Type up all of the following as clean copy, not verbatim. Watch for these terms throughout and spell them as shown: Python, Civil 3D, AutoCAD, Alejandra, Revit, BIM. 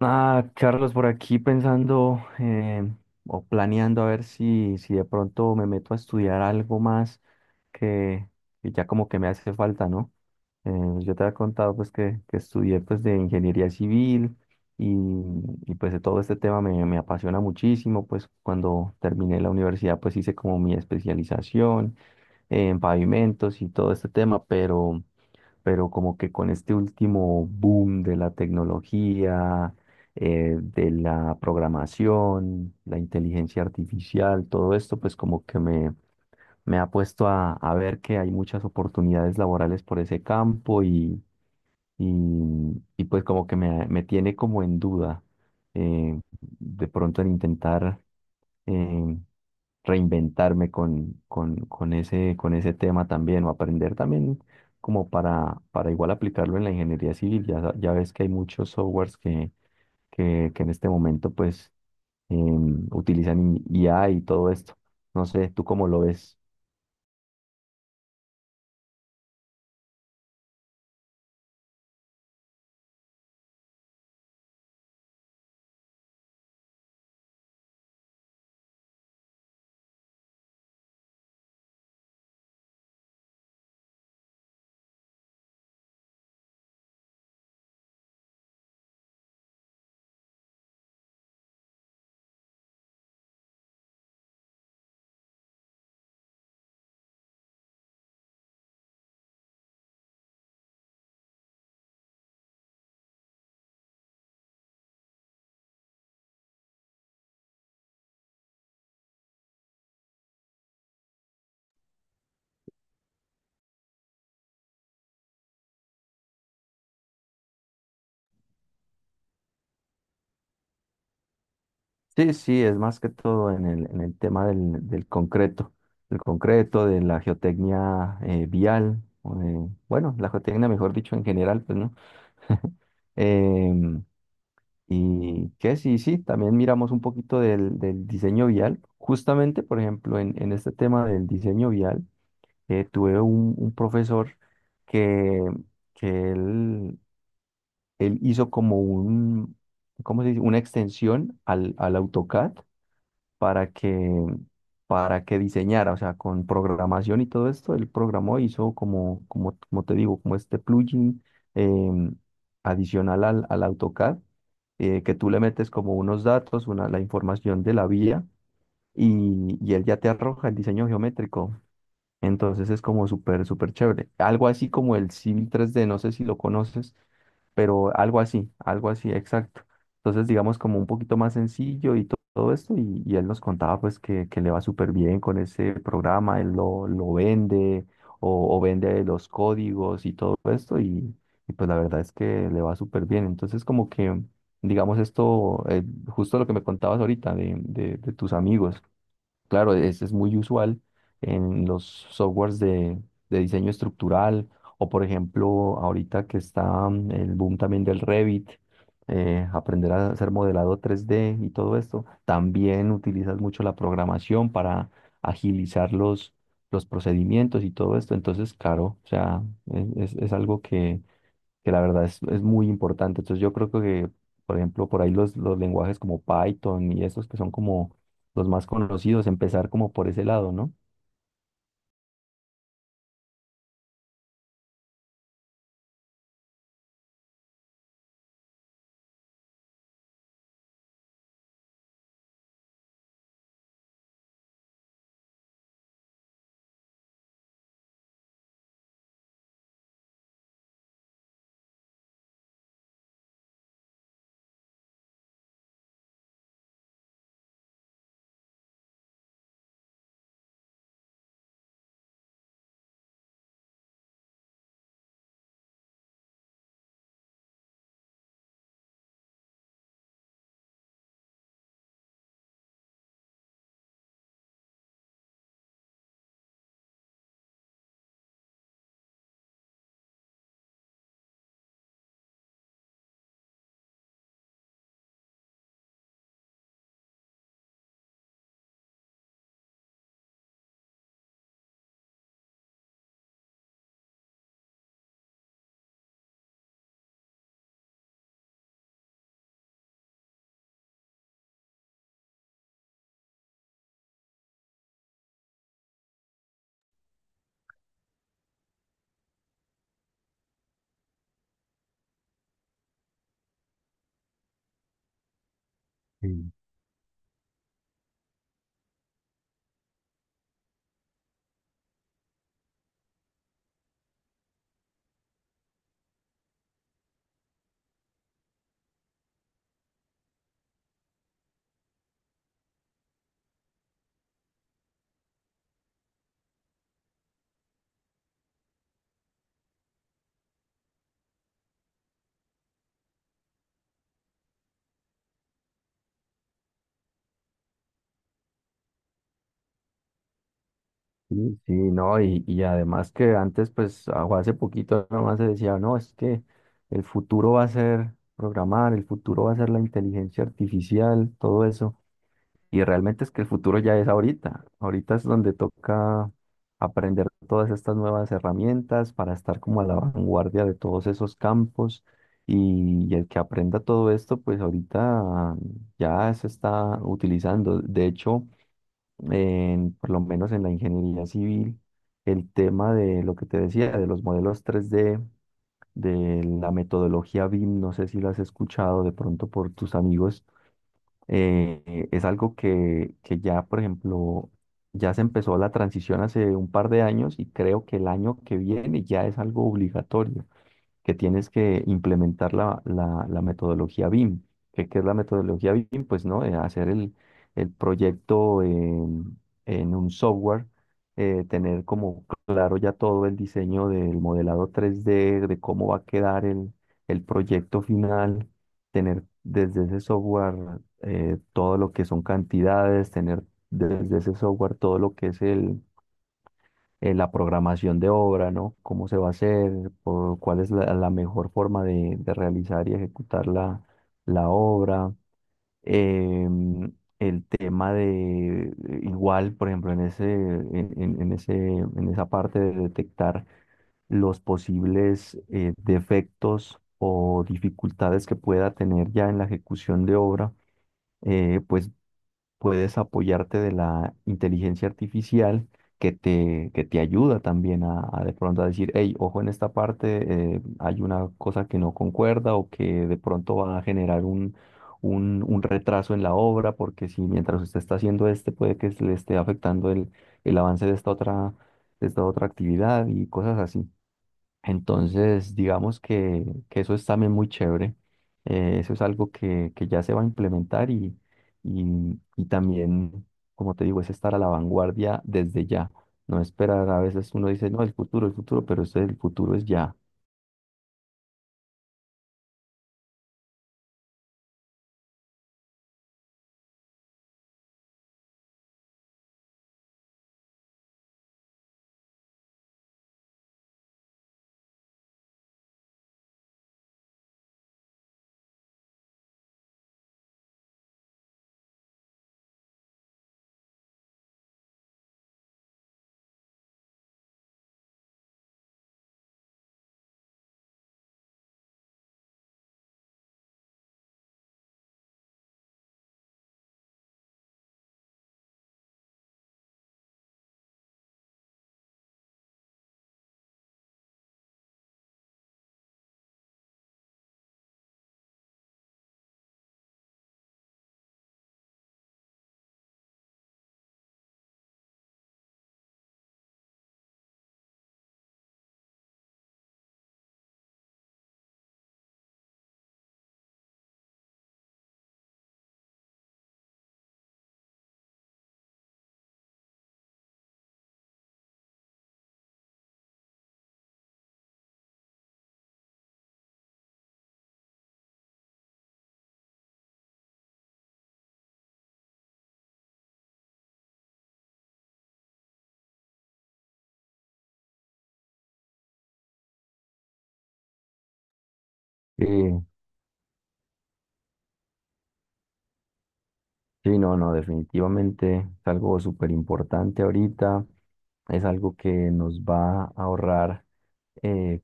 Ah, Carlos, por aquí pensando o planeando a ver si de pronto me meto a estudiar algo más que, que ya como que me hace falta, ¿no? Eh, yo te había contado pues que estudié pues de ingeniería civil y, y, pues de todo este tema me apasiona muchísimo, pues cuando terminé la universidad pues hice como mi especialización en pavimentos y todo este tema, pero como que con este último boom de la tecnología, de la programación, la inteligencia artificial, todo esto, pues como que me ha puesto a ver que hay muchas oportunidades laborales por ese campo y pues como que me tiene como en duda de pronto en intentar eh, reinventarme con ese tema también o aprender también como para igual aplicarlo en la ingeniería civil. Ya, ya ves que hay muchos softwares que en este momento pues utilizan IA y todo esto. No sé, ¿tú cómo lo ves? Sí, sí, es más que todo en en el tema del concreto, el concreto, de la geotecnia vial, bueno, la geotecnia, mejor dicho, en general, pues, ¿no? Em, y que sí, sí, también miramos un poquito del diseño vial. Justamente, por ejemplo, en este tema del diseño vial, tuve un profesor que, que él hizo como ¿cómo se dice? Una extensión al AutoCAD para que, para que diseñara, o sea, con programación y todo esto, él programó, hizo como te digo, como este plugin em, adicional al AutoCAD, que tú le metes como unos datos, la información de la vía y él ya te arroja el diseño geométrico. Entonces es como súper chévere. Algo así como el Civil 3D, no sé si lo conoces, pero algo así, exacto. Entonces digamos como un poquito más sencillo y todo esto, y él nos contaba pues que le va súper bien con ese programa, él lo vende o vende los códigos y todo esto, y pues la verdad es que le va súper bien. Entonces como que, digamos esto, justo lo que me contabas ahorita de, de tus amigos. Claro, es muy usual en los softwares de diseño estructural o, por ejemplo, ahorita que está el boom también del Revit, aprender a hacer modelado 3D y todo esto, también utilizas mucho la programación para agilizar los procedimientos y todo esto. Entonces, claro, o sea, es algo que la verdad es muy importante. Entonces yo creo que, por ejemplo, por ahí los lenguajes como Python y estos que son como los más conocidos, empezar como por ese lado, ¿no? Sí. Sí, sí, no, y además que antes, pues, o hace poquito nomás se decía, no, es que el futuro va a ser programar, el futuro va a ser la inteligencia artificial, todo eso. Y realmente es que el futuro ya es ahorita. Ahorita es donde toca aprender todas estas nuevas herramientas para estar como a la vanguardia de todos esos campos. Y el que aprenda todo esto, pues ahorita ya se está utilizando. De hecho, por lo menos en la ingeniería civil, el tema de lo que te decía, de los modelos 3D, de la metodología BIM, no sé si lo has escuchado de pronto por tus amigos. Es algo que ya, por ejemplo, ya se empezó la transición hace un par de años y creo que el año que viene ya es algo obligatorio que tienes que implementar la metodología BIM. ¿Qué, qué es la metodología BIM? Pues no. Hacer el proyecto en un software, tener como claro ya todo el diseño del modelado 3D, de cómo va a quedar el proyecto final, tener desde ese software todo lo que son cantidades, tener desde ese software todo lo que es la programación de obra, ¿no? Cómo se va a hacer, por cuál es la mejor forma de realizar y ejecutar la obra. Em, el tema de, igual, por ejemplo, en ese, en esa parte de detectar los posibles defectos o dificultades que pueda tener ya en la ejecución de obra, pues puedes apoyarte de la inteligencia artificial que te ayuda también a de pronto a decir, hey, ojo en esta parte, hay una cosa que no concuerda o que de pronto va a generar un retraso en la obra, porque si mientras usted está haciendo este, puede que se le esté afectando el avance de esta otra actividad y cosas así. Entonces, digamos que eso es también muy chévere. Eso es algo que ya se va a implementar y, y también, como te digo, es estar a la vanguardia desde ya. No esperar, a veces uno dice, no, el futuro, pero este, el futuro es ya. Eh, sí, no, no, definitivamente es algo súper importante ahorita. Es algo que nos va a ahorrar eh,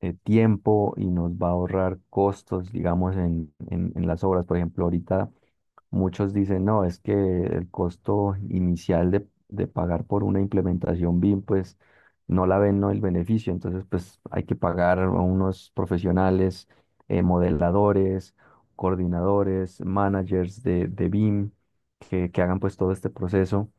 tiempo y nos va a ahorrar costos, digamos, en las obras. Por ejemplo, ahorita muchos dicen, no, es que el costo inicial de pagar por una implementación BIM, pues no la ven, no el beneficio. Entonces, pues hay que pagar a unos profesionales, modeladores, coordinadores, managers de BIM, que hagan pues todo este proceso.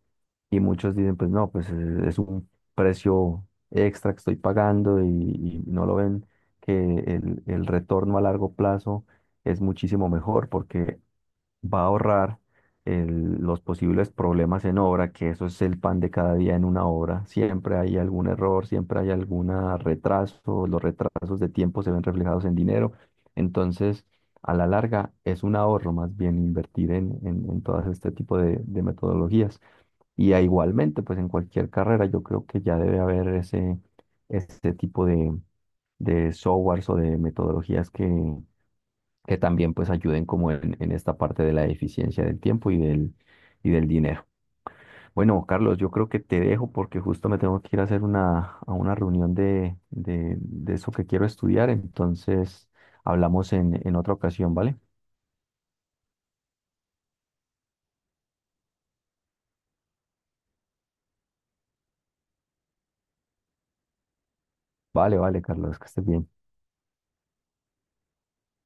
Y muchos dicen, pues no, pues es un precio extra que estoy pagando y no lo ven que el retorno a largo plazo es muchísimo mejor porque va a ahorrar los posibles problemas en obra, que eso es el pan de cada día en una obra. Siempre hay algún error, siempre hay algún retraso, los retrasos de tiempo se ven reflejados en dinero. Entonces, a la larga es un ahorro más bien invertir en todas este tipo de metodologías. Y a igualmente, pues en cualquier carrera yo creo que ya debe haber ese tipo de softwares o de metodologías que también pues ayuden como en esta parte de la eficiencia del tiempo y del dinero. Bueno, Carlos, yo creo que te dejo porque justo me tengo que ir a hacer una, a una reunión de eso que quiero estudiar, entonces hablamos en otra ocasión, ¿vale? Vale, vale, Carlos, que estés bien.